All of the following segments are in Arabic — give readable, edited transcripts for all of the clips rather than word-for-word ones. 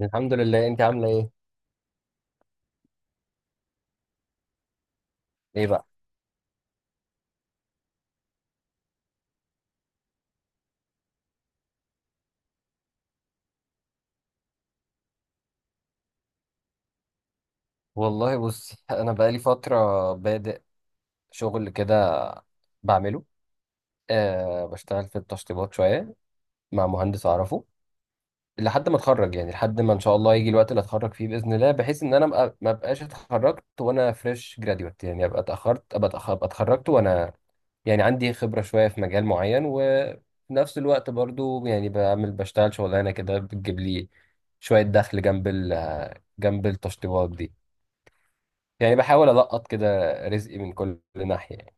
الحمد لله، انت عامله ايه؟ ايه بقى؟ والله بصي، انا بقالي فتره بادئ شغل كده بعمله. أه، بشتغل في التشطيبات شويه مع مهندس اعرفه لحد ما اتخرج، يعني لحد ما ان شاء الله يجي الوقت اللي اتخرج فيه باذن الله، بحيث ان انا ما ابقاش اتخرجت وانا فريش جراديوت، يعني ابقى اتاخرت أبقى اتخرجت وانا يعني عندي خبره شويه في مجال معين، وفي نفس الوقت برضو يعني بشتغل شغلانه كده بتجيب لي شويه دخل جنب جنب التشطيبات دي، يعني بحاول ألقط كده رزقي من كل ناحية يعني.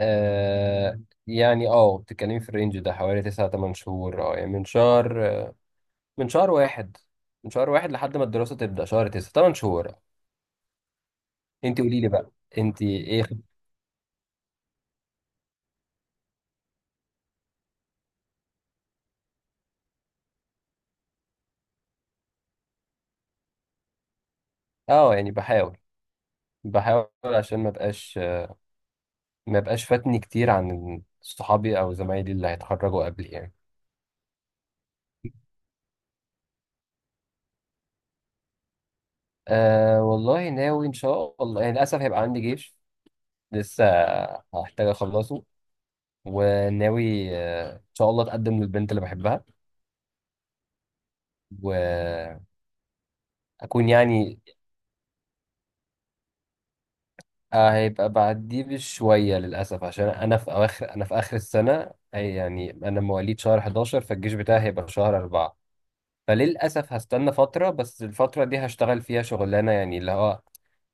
آه. يعني بتتكلمي في الرينج ده حوالي تسعة تمن شهور، يعني من شهر، من شهر واحد من شهر واحد لحد ما الدراسة تبدأ، شهر تسعة تمن شهور اه انت قولي لي بقى، انت ايه؟ اه يعني بحاول عشان ما بقاش فاتني كتير عن صحابي او زمايلي اللي هيتخرجوا قبلي يعني. آه، والله ناوي ان شاء الله يعني للاسف هيبقى عندي جيش لسه هحتاج اخلصه. وناوي ان شاء الله اتقدم للبنت اللي بحبها واكون يعني هيبقى بعديه بشويه للاسف، عشان انا في اواخر انا في اخر السنه، أي يعني انا مواليد شهر 11 فالجيش بتاعي هيبقى في شهر 4. فللأسف هستنى فترة، بس الفترة دي هشتغل فيها شغلانة يعني، اللي هو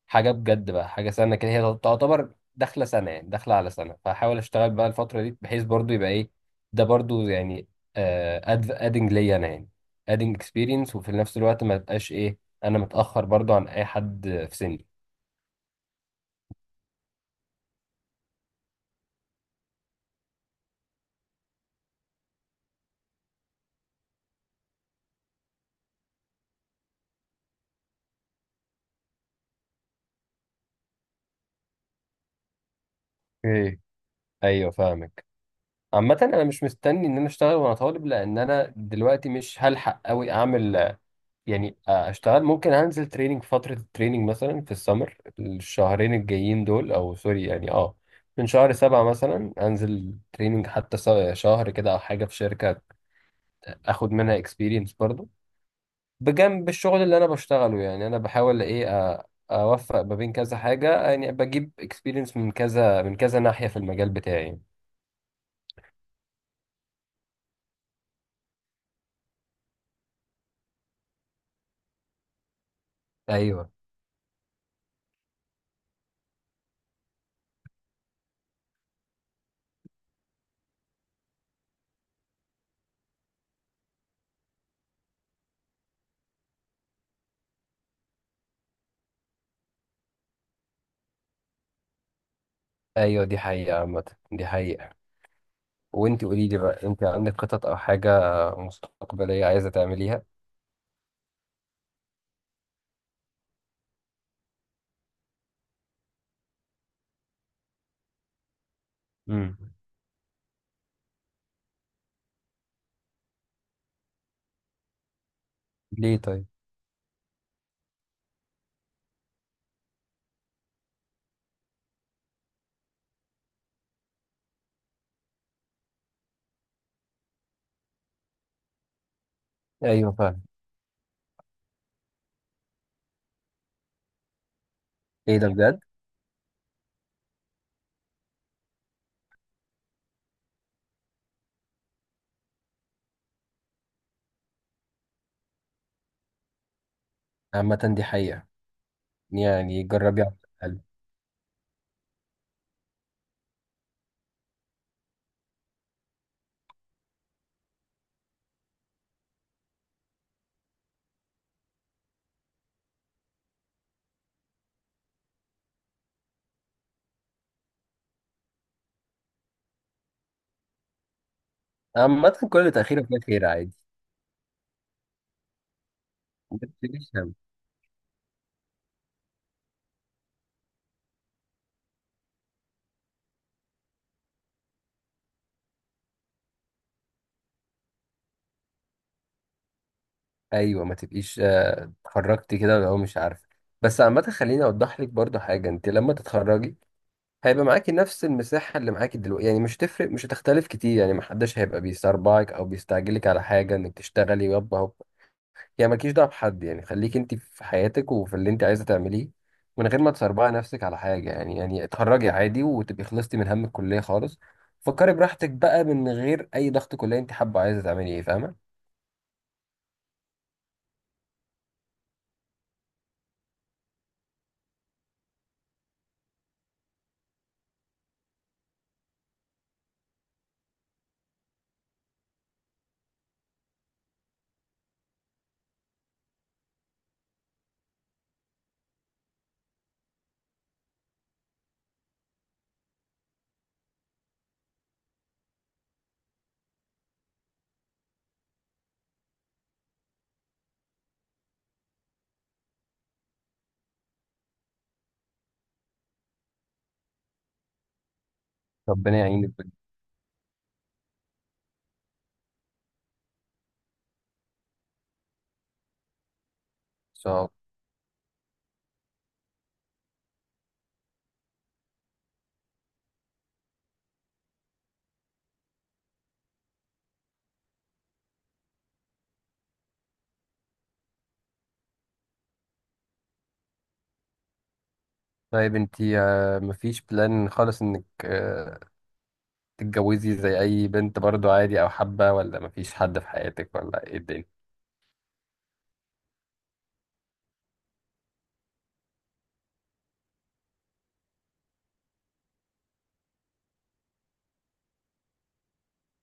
حاجة بجد بقى، حاجة سنة كده هي تعتبر داخلة سنة، يعني داخلة على سنة. فهحاول أشتغل بقى الفترة دي بحيث برضو يبقى إيه، ده برضو يعني أدنج ليا أنا، يعني أدنج إكسبيرينس، وفي نفس الوقت ما تبقاش إيه، أنا متأخر برضو عن أي حد في سني. اوكي، أيوه فاهمك. عامة أنا مش مستني إن أنا أشتغل وأنا طالب، لأن أنا دلوقتي مش هلحق أوي أعمل يعني اشتغل. ممكن انزل تريننج، فترة التريننج مثلا في السمر الشهرين الجايين دول، او سوري يعني، من شهر سبعة مثلا انزل تريننج حتى شهر كده او حاجة في شركة، اخد منها اكسبيرينس برضو بجنب الشغل اللي انا بشتغله. يعني انا بحاول ايه، أ- اوفق ما بين كذا حاجة، يعني بجيب اكسبيرينس من كذا ناحية في المجال بتاعي. ايوه، ايوه، دي حقيقة عامة، دي حقيقة. وانت قولي لي بقى، انت عندك خطط او حاجة مستقبلية عايزة تعمليها؟ ليه طيب؟ ايوه فعلا. ايه ده بجد؟ عامة دي حقيقة، يعني جربي على الأقل. عامة كل تأخير فيها خير، عادي. ما تبقيش هم. ايوه، ما تبقيش اتخرجتي كده ولا هو، مش عارفة. بس عامة خليني اوضح لك برضو حاجة: انت لما تتخرجي هيبقى معاكي نفس المساحة اللي معاكي دلوقتي، يعني مش تفرق، مش هتختلف كتير، يعني محدش هيبقى بيسربعك او بيستعجلك على حاجة انك تشتغلي يابا. يعني مالكيش دعوه بحد، يعني خليك انت في حياتك وفي اللي انت عايزه تعمليه، من غير ما تسربعي نفسك على حاجه يعني اتخرجي عادي وتبقي خلصتي من هم الكليه خالص، فكري براحتك بقى من غير اي ضغط كليه. انت حابه عايزه تعملي ايه؟ فاهمه؟ ربنا يعينك بجد ان شاء الله. طيب انت مفيش بلان خالص انك تتجوزي زي اي بنت برضو عادي، او حابه؟ ولا مفيش حد في حياتك، ولا ايه الدنيا؟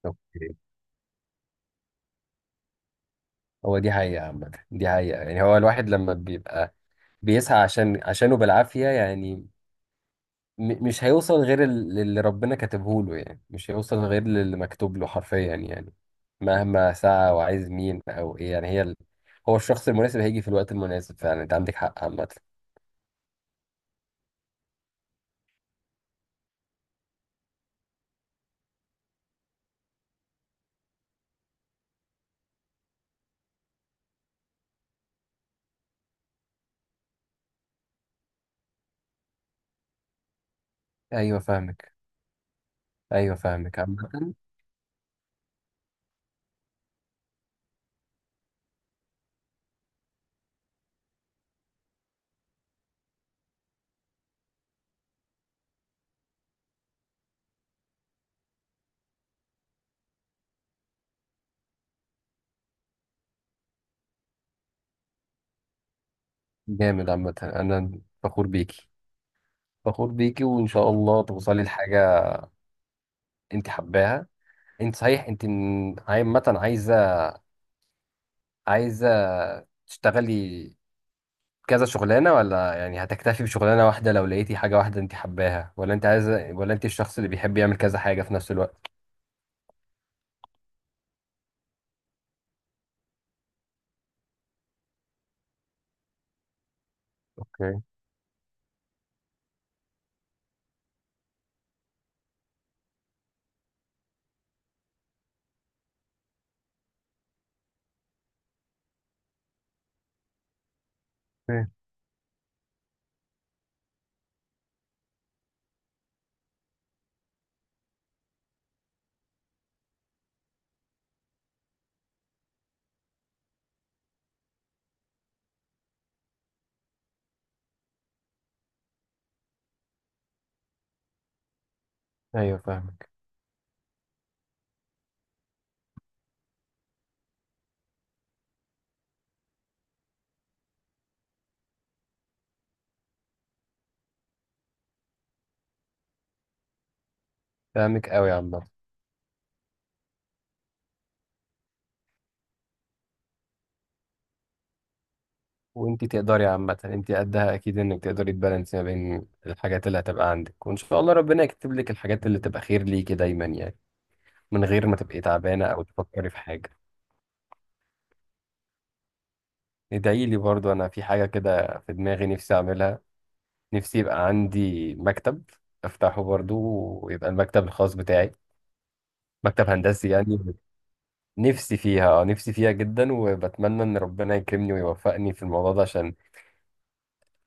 اوكي. هو دي حقيقة عامة، دي حقيقة. يعني هو الواحد لما بيبقى بيسعى عشانه بالعافية يعني، مش هيوصل غير اللي ربنا كاتبه له، يعني مش هيوصل غير اللي مكتوب له حرفيا يعني. مهما سعى وعايز مين او ايه يعني، هو الشخص المناسب هيجي في الوقت المناسب، فعلا انت عندك حق عامة. ايوه فاهمك. ايوه فاهمك عامة. جامد. عامة انا فخور بيكي، فخور بيكي، وان شاء الله توصلي لحاجة انت حباها. انت صحيح انت عامة عايزة تشتغلي كذا شغلانة، ولا يعني هتكتفي بشغلانة واحدة لو لقيتي حاجة واحدة انت حباها؟ ولا انت عايزة؟ ولا انت الشخص اللي بيحب يعمل كذا حاجة في نفس الوقت؟ اوكي. فاهم. ايوه فاهمك. فاهمك قوي يا عم. وانت تقدري عامة، انت قدها اكيد، انك تقدري تبالانسي ما بين الحاجات اللي هتبقى عندك، وان شاء الله ربنا يكتب لك الحاجات اللي تبقى خير ليكي دايما يعني، من غير ما تبقي تعبانة او تفكري في حاجة. ادعي لي برضو، انا في حاجة كده في دماغي نفسي اعملها. نفسي يبقى عندي مكتب افتحه برضو، ويبقى المكتب الخاص بتاعي، مكتب هندسي يعني. نفسي فيها جدا، وبتمنى ان ربنا يكرمني ويوفقني في الموضوع ده، عشان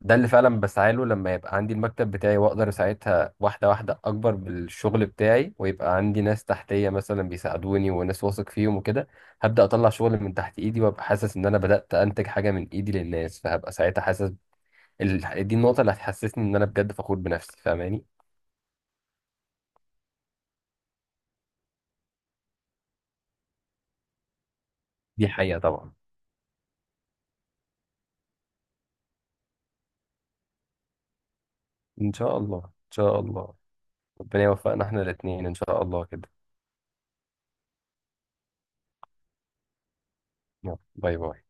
ده اللي فعلا بسعى له. لما يبقى عندي المكتب بتاعي واقدر ساعتها واحده واحده اكبر بالشغل بتاعي، ويبقى عندي ناس تحتيه مثلا بيساعدوني، وناس واثق فيهم وكده، هبدا اطلع شغل من تحت ايدي وابقى حاسس ان انا بدات انتج حاجه من ايدي للناس، فهبقى ساعتها حاسس دي النقطه اللي هتحسسني ان انا بجد فخور بنفسي، فاهماني؟ دي حقيقه طبعا. ان شاء الله، ان شاء الله ربنا يوفقنا احنا الاثنين ان شاء الله كده. باي باي.